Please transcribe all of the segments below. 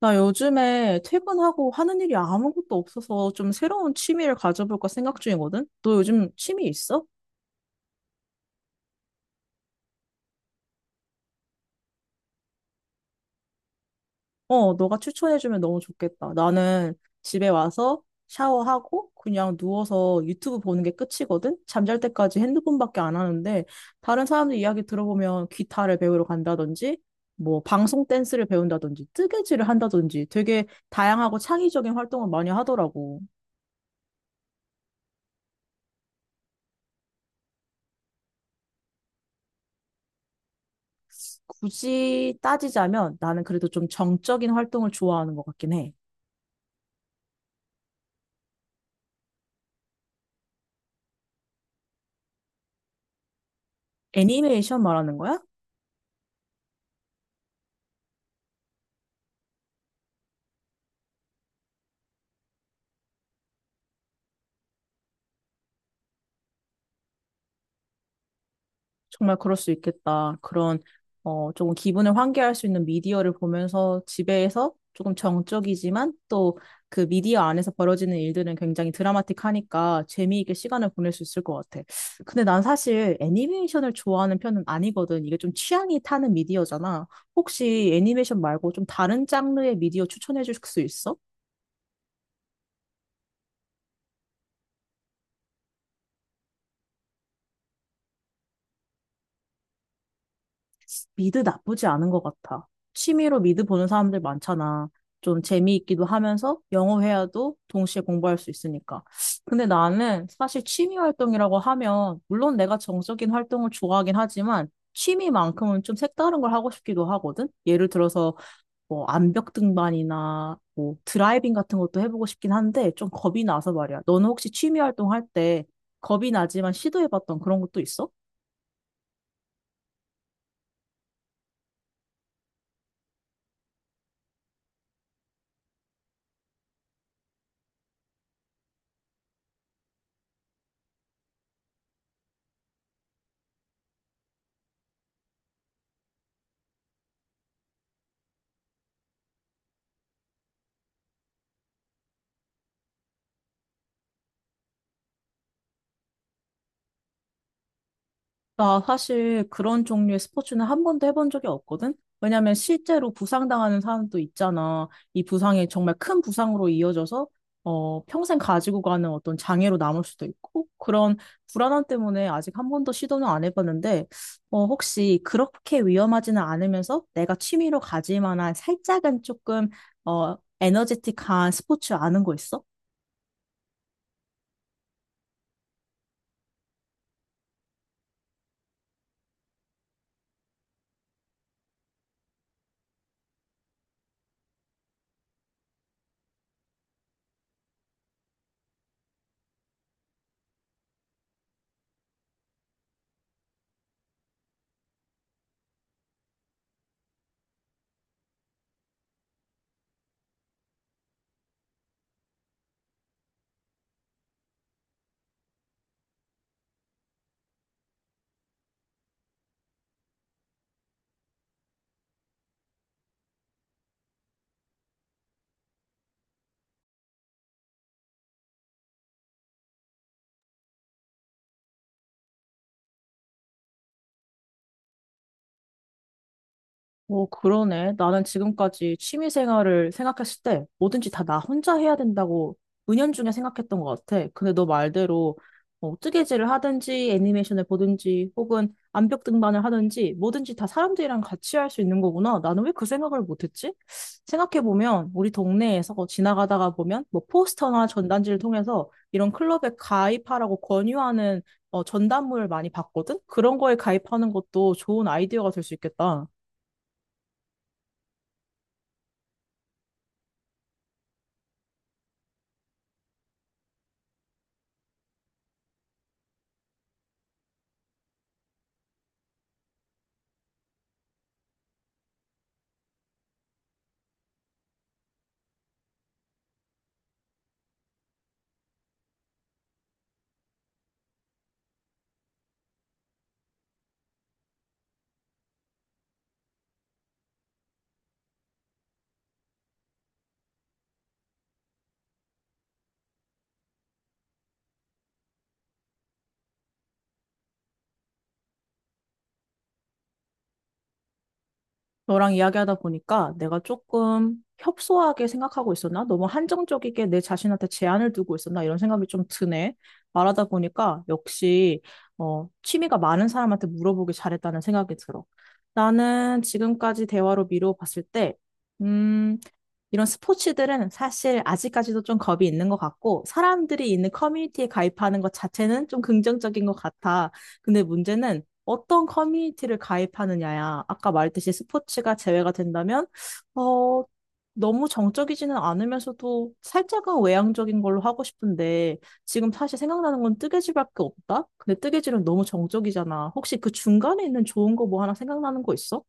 나 요즘에 퇴근하고 하는 일이 아무것도 없어서 좀 새로운 취미를 가져볼까 생각 중이거든? 너 요즘 취미 있어? 너가 추천해주면 너무 좋겠다. 나는 집에 와서 샤워하고 그냥 누워서 유튜브 보는 게 끝이거든? 잠잘 때까지 핸드폰밖에 안 하는데 다른 사람들 이야기 들어보면 기타를 배우러 간다든지 뭐 방송 댄스를 배운다든지 뜨개질을 한다든지 되게 다양하고 창의적인 활동을 많이 하더라고. 굳이 따지자면 나는 그래도 좀 정적인 활동을 좋아하는 것 같긴 해. 애니메이션 말하는 거야? 정말 그럴 수 있겠다. 조금 기분을 환기할 수 있는 미디어를 보면서 집에서 조금 정적이지만 또 그 미디어 안에서 벌어지는 일들은 굉장히 드라마틱하니까 재미있게 시간을 보낼 수 있을 것 같아. 근데 난 사실 애니메이션을 좋아하는 편은 아니거든. 이게 좀 취향이 타는 미디어잖아. 혹시 애니메이션 말고 좀 다른 장르의 미디어 추천해 줄 수 있어? 미드 나쁘지 않은 것 같아. 취미로 미드 보는 사람들 많잖아. 좀 재미있기도 하면서 영어 회화도 동시에 공부할 수 있으니까. 근데 나는 사실 취미 활동이라고 하면, 물론 내가 정적인 활동을 좋아하긴 하지만, 취미만큼은 좀 색다른 걸 하고 싶기도 하거든? 예를 들어서 뭐 암벽 등반이나 뭐 드라이빙 같은 것도 해보고 싶긴 한데 좀 겁이 나서 말이야. 너는 혹시 취미 활동할 때 겁이 나지만 시도해봤던 그런 것도 있어? 나 사실 그런 종류의 스포츠는 한 번도 해본 적이 없거든? 왜냐면 실제로 부상당하는 사람도 있잖아. 이 부상이 정말 큰 부상으로 이어져서 평생 가지고 가는 어떤 장애로 남을 수도 있고, 그런 불안함 때문에 아직 한 번도 시도는 안 해봤는데, 혹시 그렇게 위험하지는 않으면서 내가 취미로 가질 만한 살짝은 조금, 에너제틱한 스포츠 아는 거 있어? 오, 그러네. 나는 지금까지 취미 생활을 생각했을 때 뭐든지 다 나 혼자 해야 된다고 은연중에 생각했던 것 같아. 근데 너 말대로 뜨개질을 하든지 애니메이션을 보든지 혹은 암벽 등반을 하든지 뭐든지 다 사람들이랑 같이 할 수 있는 거구나. 나는 왜 그 생각을 못했지? 생각해보면 우리 동네에서 지나가다가 보면 뭐 포스터나 전단지를 통해서 이런 클럽에 가입하라고 권유하는 전단물을 많이 봤거든? 그런 거에 가입하는 것도 좋은 아이디어가 될 수 있겠다. 너랑 이야기하다 보니까 내가 조금 협소하게 생각하고 있었나? 너무 한정적이게 내 자신한테 제한을 두고 있었나? 이런 생각이 좀 드네. 말하다 보니까 역시 취미가 많은 사람한테 물어보길 잘했다는 생각이 들어. 나는 지금까지 대화로 미루어 봤을 때, 음, 이런 스포츠들은 사실 아직까지도 좀 겁이 있는 것 같고, 사람들이 있는 커뮤니티에 가입하는 것 자체는 좀 긍정적인 것 같아. 근데 문제는 어떤 커뮤니티를 가입하느냐야. 아까 말했듯이 스포츠가 제외가 된다면, 어, 너무 정적이지는 않으면서도 살짝은 외향적인 걸로 하고 싶은데, 지금 사실 생각나는 건 뜨개질밖에 없다? 근데 뜨개질은 너무 정적이잖아. 혹시 그 중간에 있는 좋은 거 뭐 하나 생각나는 거 있어?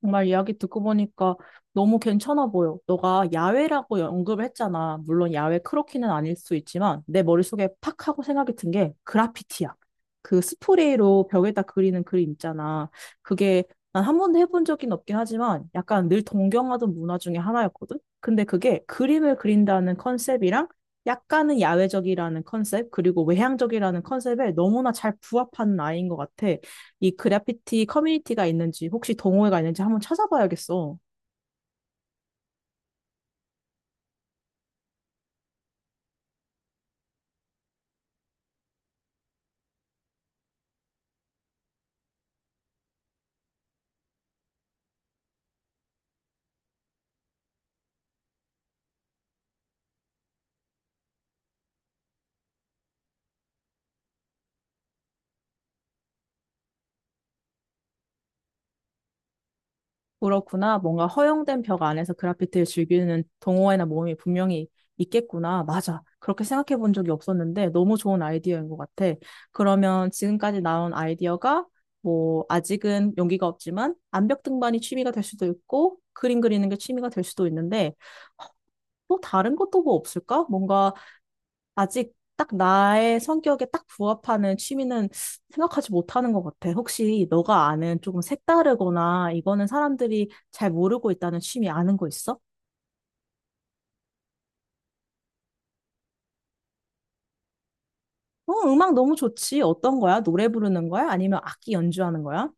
정말 이야기 듣고 보니까 너무 괜찮아 보여. 너가 야외라고 언급을 했잖아. 물론 야외 크로키는 아닐 수 있지만 내 머릿속에 팍 하고 생각이 든 게 그라피티야. 그 스프레이로 벽에다 그리는 그림 있잖아. 그게 난 한 번도 해본 적은 없긴 하지만 약간 늘 동경하던 문화 중에 하나였거든. 근데 그게 그림을 그린다는 컨셉이랑 약간은 야외적이라는 컨셉, 그리고 외향적이라는 컨셉에 너무나 잘 부합하는 아이인 것 같아. 이 그래피티 커뮤니티가 있는지 혹시 동호회가 있는지 한번 찾아봐야겠어. 그렇구나. 뭔가 허용된 벽 안에서 그래피티를 즐기는 동호회나 모임이 분명히 있겠구나. 맞아. 그렇게 생각해 본 적이 없었는데 너무 좋은 아이디어인 것 같아. 그러면 지금까지 나온 아이디어가 뭐 아직은 용기가 없지만 암벽 등반이 취미가 될 수도 있고 그림 그리는 게 취미가 될 수도 있는데 또 다른 것도 뭐 없을까? 뭔가 아직 딱 나의 성격에 딱 부합하는 취미는 생각하지 못하는 것 같아. 혹시 너가 아는 조금 색다르거나 이거는 사람들이 잘 모르고 있다는 취미 아는 거 있어? 음악 너무 좋지. 어떤 거야? 노래 부르는 거야? 아니면 악기 연주하는 거야?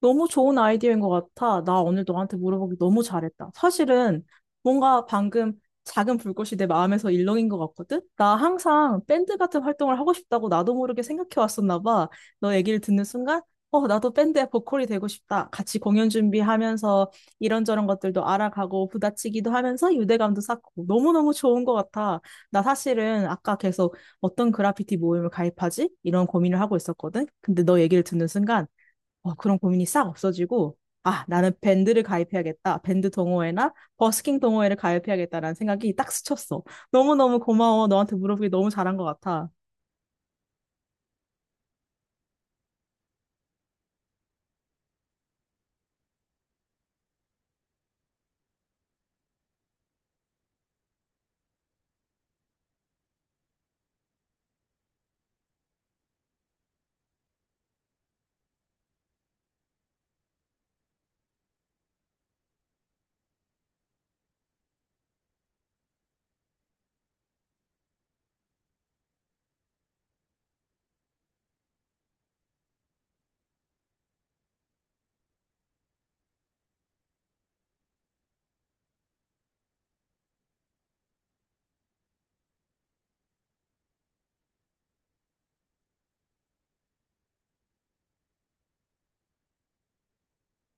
너무 좋은 아이디어인 것 같아. 나 오늘 너한테 물어보기 너무 잘했다. 사실은 뭔가 방금 작은 불꽃이 내 마음에서 일렁인 것 같거든? 나 항상 밴드 같은 활동을 하고 싶다고 나도 모르게 생각해 왔었나 봐. 너 얘기를 듣는 순간, 나도 밴드의 보컬이 되고 싶다. 같이 공연 준비하면서 이런저런 것들도 알아가고 부다치기도 하면서 유대감도 쌓고 너무너무 좋은 것 같아. 나 사실은 아까 계속 어떤 그래피티 모임을 가입하지? 이런 고민을 하고 있었거든? 근데 너 얘기를 듣는 순간, 그런 고민이 싹 없어지고, 아, 나는 밴드를 가입해야겠다. 밴드 동호회나 버스킹 동호회를 가입해야겠다라는 생각이 딱 스쳤어. 너무너무 고마워. 너한테 물어보기 너무 잘한 것 같아.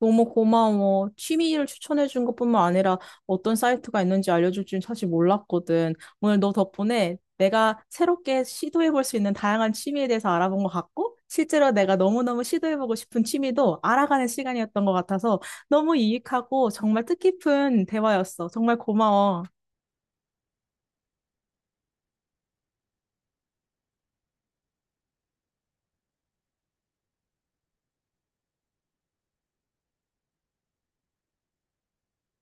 너무 고마워. 취미를 추천해준 것뿐만 아니라 어떤 사이트가 있는지 알려줄 줄 사실 몰랐거든. 오늘 너 덕분에 내가 새롭게 시도해볼 수 있는 다양한 취미에 대해서 알아본 것 같고, 실제로 내가 너무너무 시도해보고 싶은 취미도 알아가는 시간이었던 것 같아서 너무 유익하고 정말 뜻깊은 대화였어. 정말 고마워.